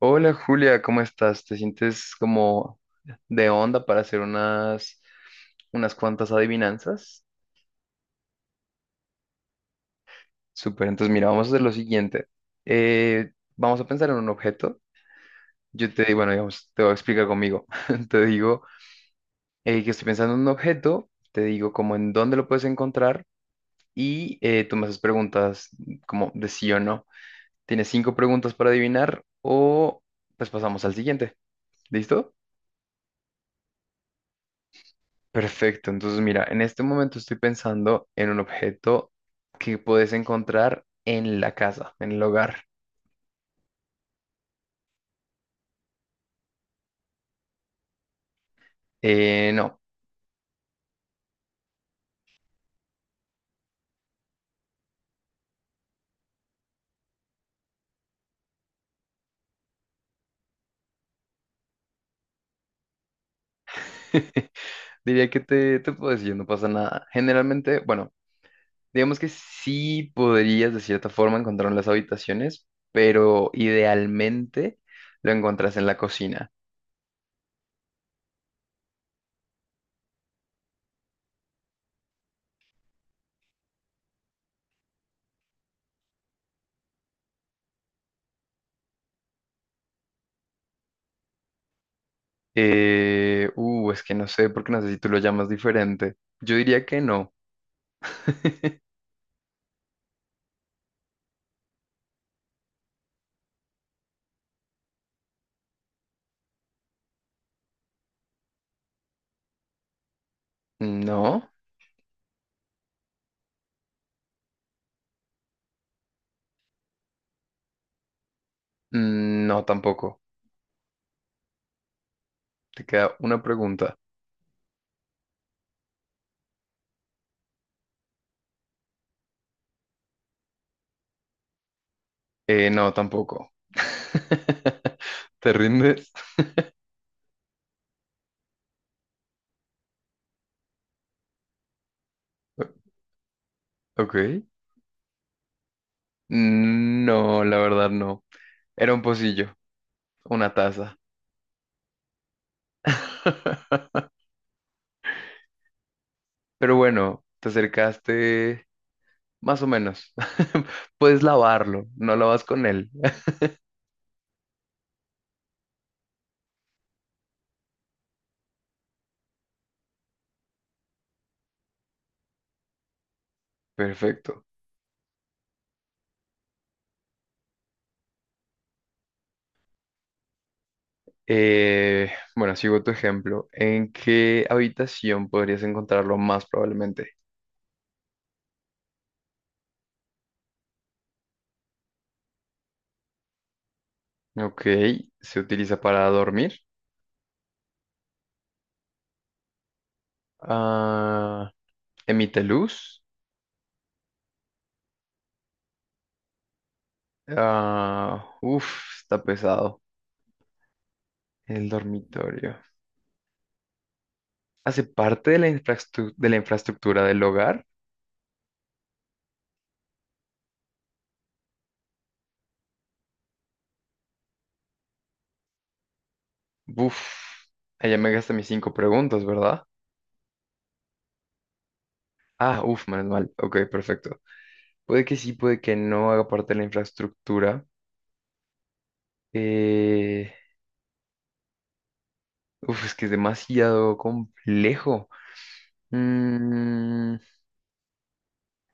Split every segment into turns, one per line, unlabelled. Hola Julia, ¿cómo estás? ¿Te sientes como de onda para hacer unas cuantas adivinanzas? Súper, entonces mira, vamos a hacer lo siguiente. Vamos a pensar en un objeto. Yo te digo, bueno, digamos, te voy a explicar conmigo. Te digo que estoy pensando en un objeto, te digo como en dónde lo puedes encontrar y tú me haces preguntas como de sí o no. Tienes cinco preguntas para adivinar o pues pasamos al siguiente. ¿Listo? Perfecto, entonces mira, en este momento estoy pensando en un objeto que puedes encontrar en la casa, en el hogar. No, diría que te puedo decir, no pasa nada. Generalmente, bueno, digamos que sí podrías de cierta forma encontrarlo en las habitaciones, pero idealmente lo encuentras en la cocina. Es que no sé, porque no sé si tú lo llamas diferente. Yo diría que no. No, mm, no tampoco. Te queda una pregunta. No, tampoco. ¿Te rindes? Ok. Mm, no, la verdad no. Era un pocillo, una taza. Pero bueno, te acercaste más o menos. Puedes lavarlo, no lavas con él. Perfecto. Eh, bueno, sigo tu ejemplo. ¿En qué habitación podrías encontrarlo más probablemente? Ok, se utiliza para dormir. Ah, emite luz. Ah, uf, está pesado. El dormitorio. ¿Hace parte de la de la infraestructura del hogar? Uf, allá me gasté mis cinco preguntas, ¿verdad? Ah, uf, menos mal. Ok, perfecto. Puede que sí, puede que no haga parte de la infraestructura. Eh, Uf, es que es demasiado complejo. Mm,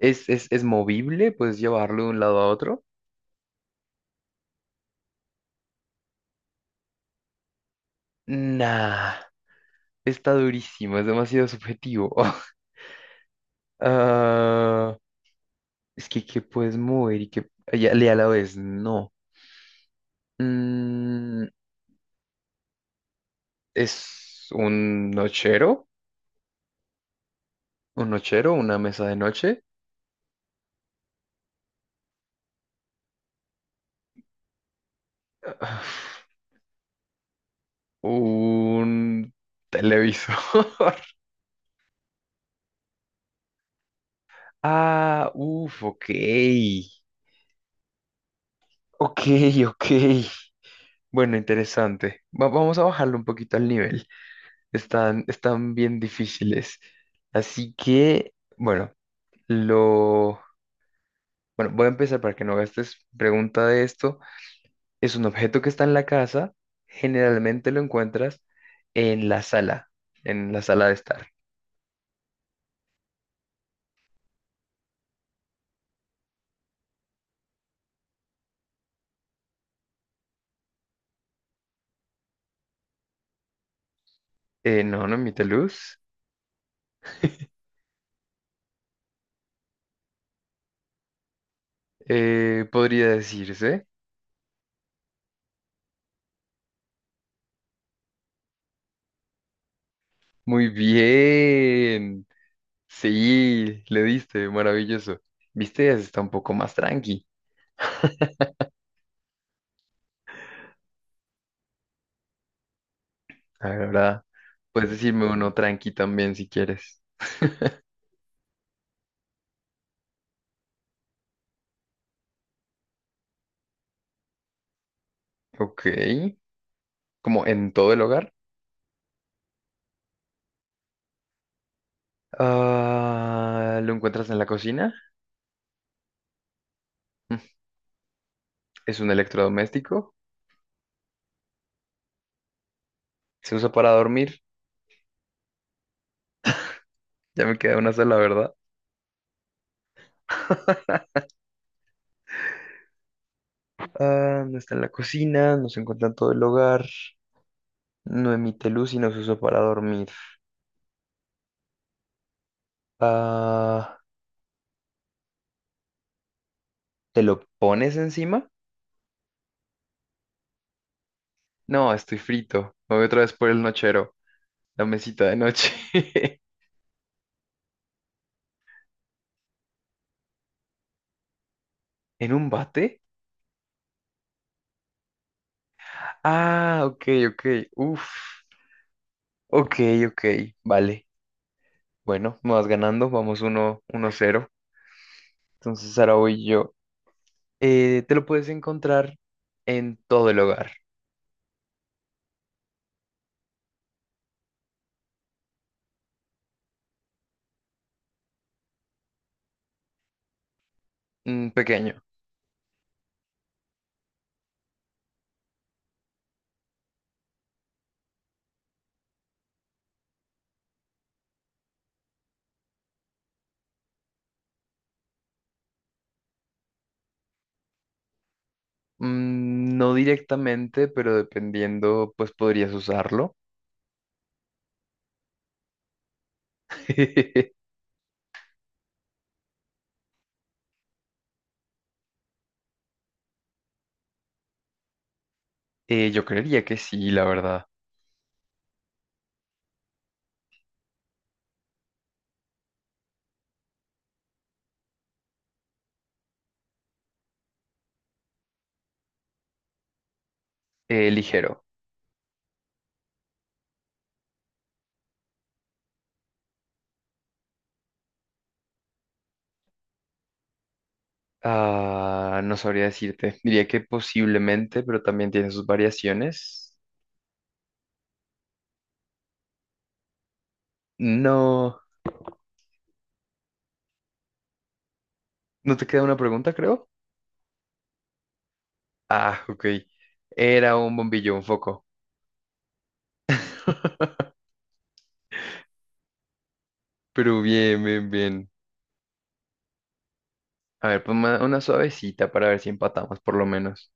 ¿es movible? ¿Puedes llevarlo de un lado a otro? Nah, está durísimo, es demasiado subjetivo. Ah, es que, ¿qué puedes mover y que ya, y a la vez no? Mm, ¿es un nochero? ¿Un nochero? ¿Una mesa de noche? ah, un televisor. Ah, uff, ok. Ok, ok. Bueno, interesante. Vamos a bajarlo un poquito al nivel. Están bien difíciles. Así que, bueno, lo... Bueno, voy a empezar para que no gastes pregunta de esto. Es un objeto que está en la casa, generalmente lo encuentras en la sala, en la sala de estar. No, no emite luz. Podría decirse. Muy bien. Sí, le diste, maravilloso. Viste, ya está un poco más tranqui. Ahora puedes decirme uno tranqui también si quieres. Ok. Como en todo el hogar. Ah, ¿lo encuentras en la cocina? Mm, ¿es un electrodoméstico? ¿Se usa para dormir? Ya me queda una sola, ¿verdad? Ah, no está en la cocina, no se encuentra en todo el hogar, no emite luz y no se usa para dormir. Ah, ¿te lo pones encima? No, estoy frito. Me voy otra vez por el nochero, la mesita de noche. ¿En un bate? Ah, ok, ok. Uf. Ok, ok. Vale. Bueno, me vas ganando. Vamos uno uno cero. Entonces ahora voy yo. Te lo puedes encontrar en todo el hogar. Mm, pequeño. Mm, no directamente, pero dependiendo, pues podrías usarlo. Yo creería que sí, la verdad. Ligero. Ah, no sabría decirte. Diría que posiblemente, pero también tiene sus variaciones. No, no te queda una pregunta, creo. Ah, ok. Era un bombillo, un foco. Pero bien, bien, bien. A ver, pues una suavecita para ver si empatamos por lo menos.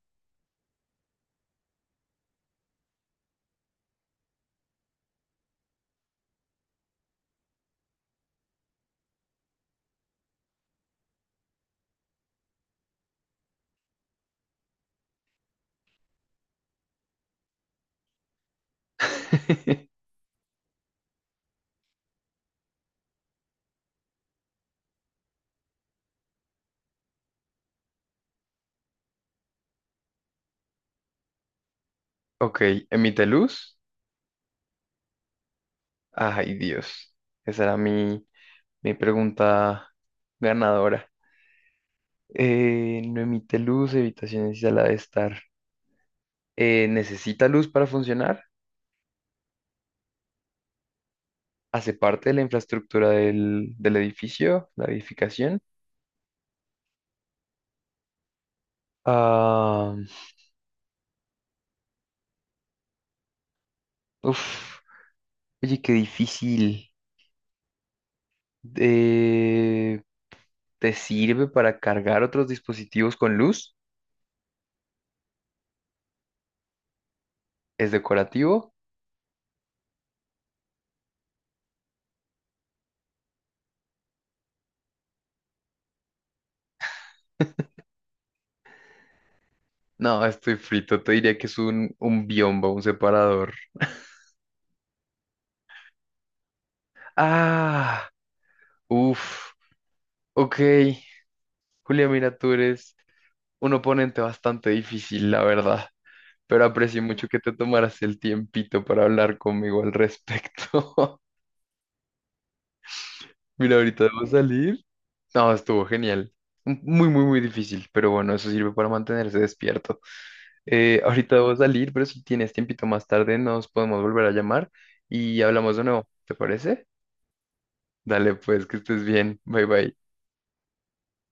Ok, emite luz. Ay, Dios. Esa era mi pregunta ganadora. No emite luz, habitaciones y sala de estar. ¿Necesita luz para funcionar? ¿Hace parte de la infraestructura del edificio, la edificación? Ah, uf, oye, qué difícil. Eh, ¿Te sirve para cargar otros dispositivos con luz? ¿Es decorativo? No, estoy frito. Te diría que es un biombo, un separador. Ah. Uf, ok. Julia, mira, tú eres un oponente bastante difícil, la verdad, pero aprecio mucho que te tomaras el tiempito para hablar conmigo al respecto. Mira, ahorita debo salir. No, estuvo genial. Muy, muy, muy difícil, pero bueno, eso sirve para mantenerse despierto. Ahorita debo salir, pero si tienes tiempito más tarde, nos podemos volver a llamar y hablamos de nuevo, ¿te parece? Dale, pues, que estés bien. Bye, bye.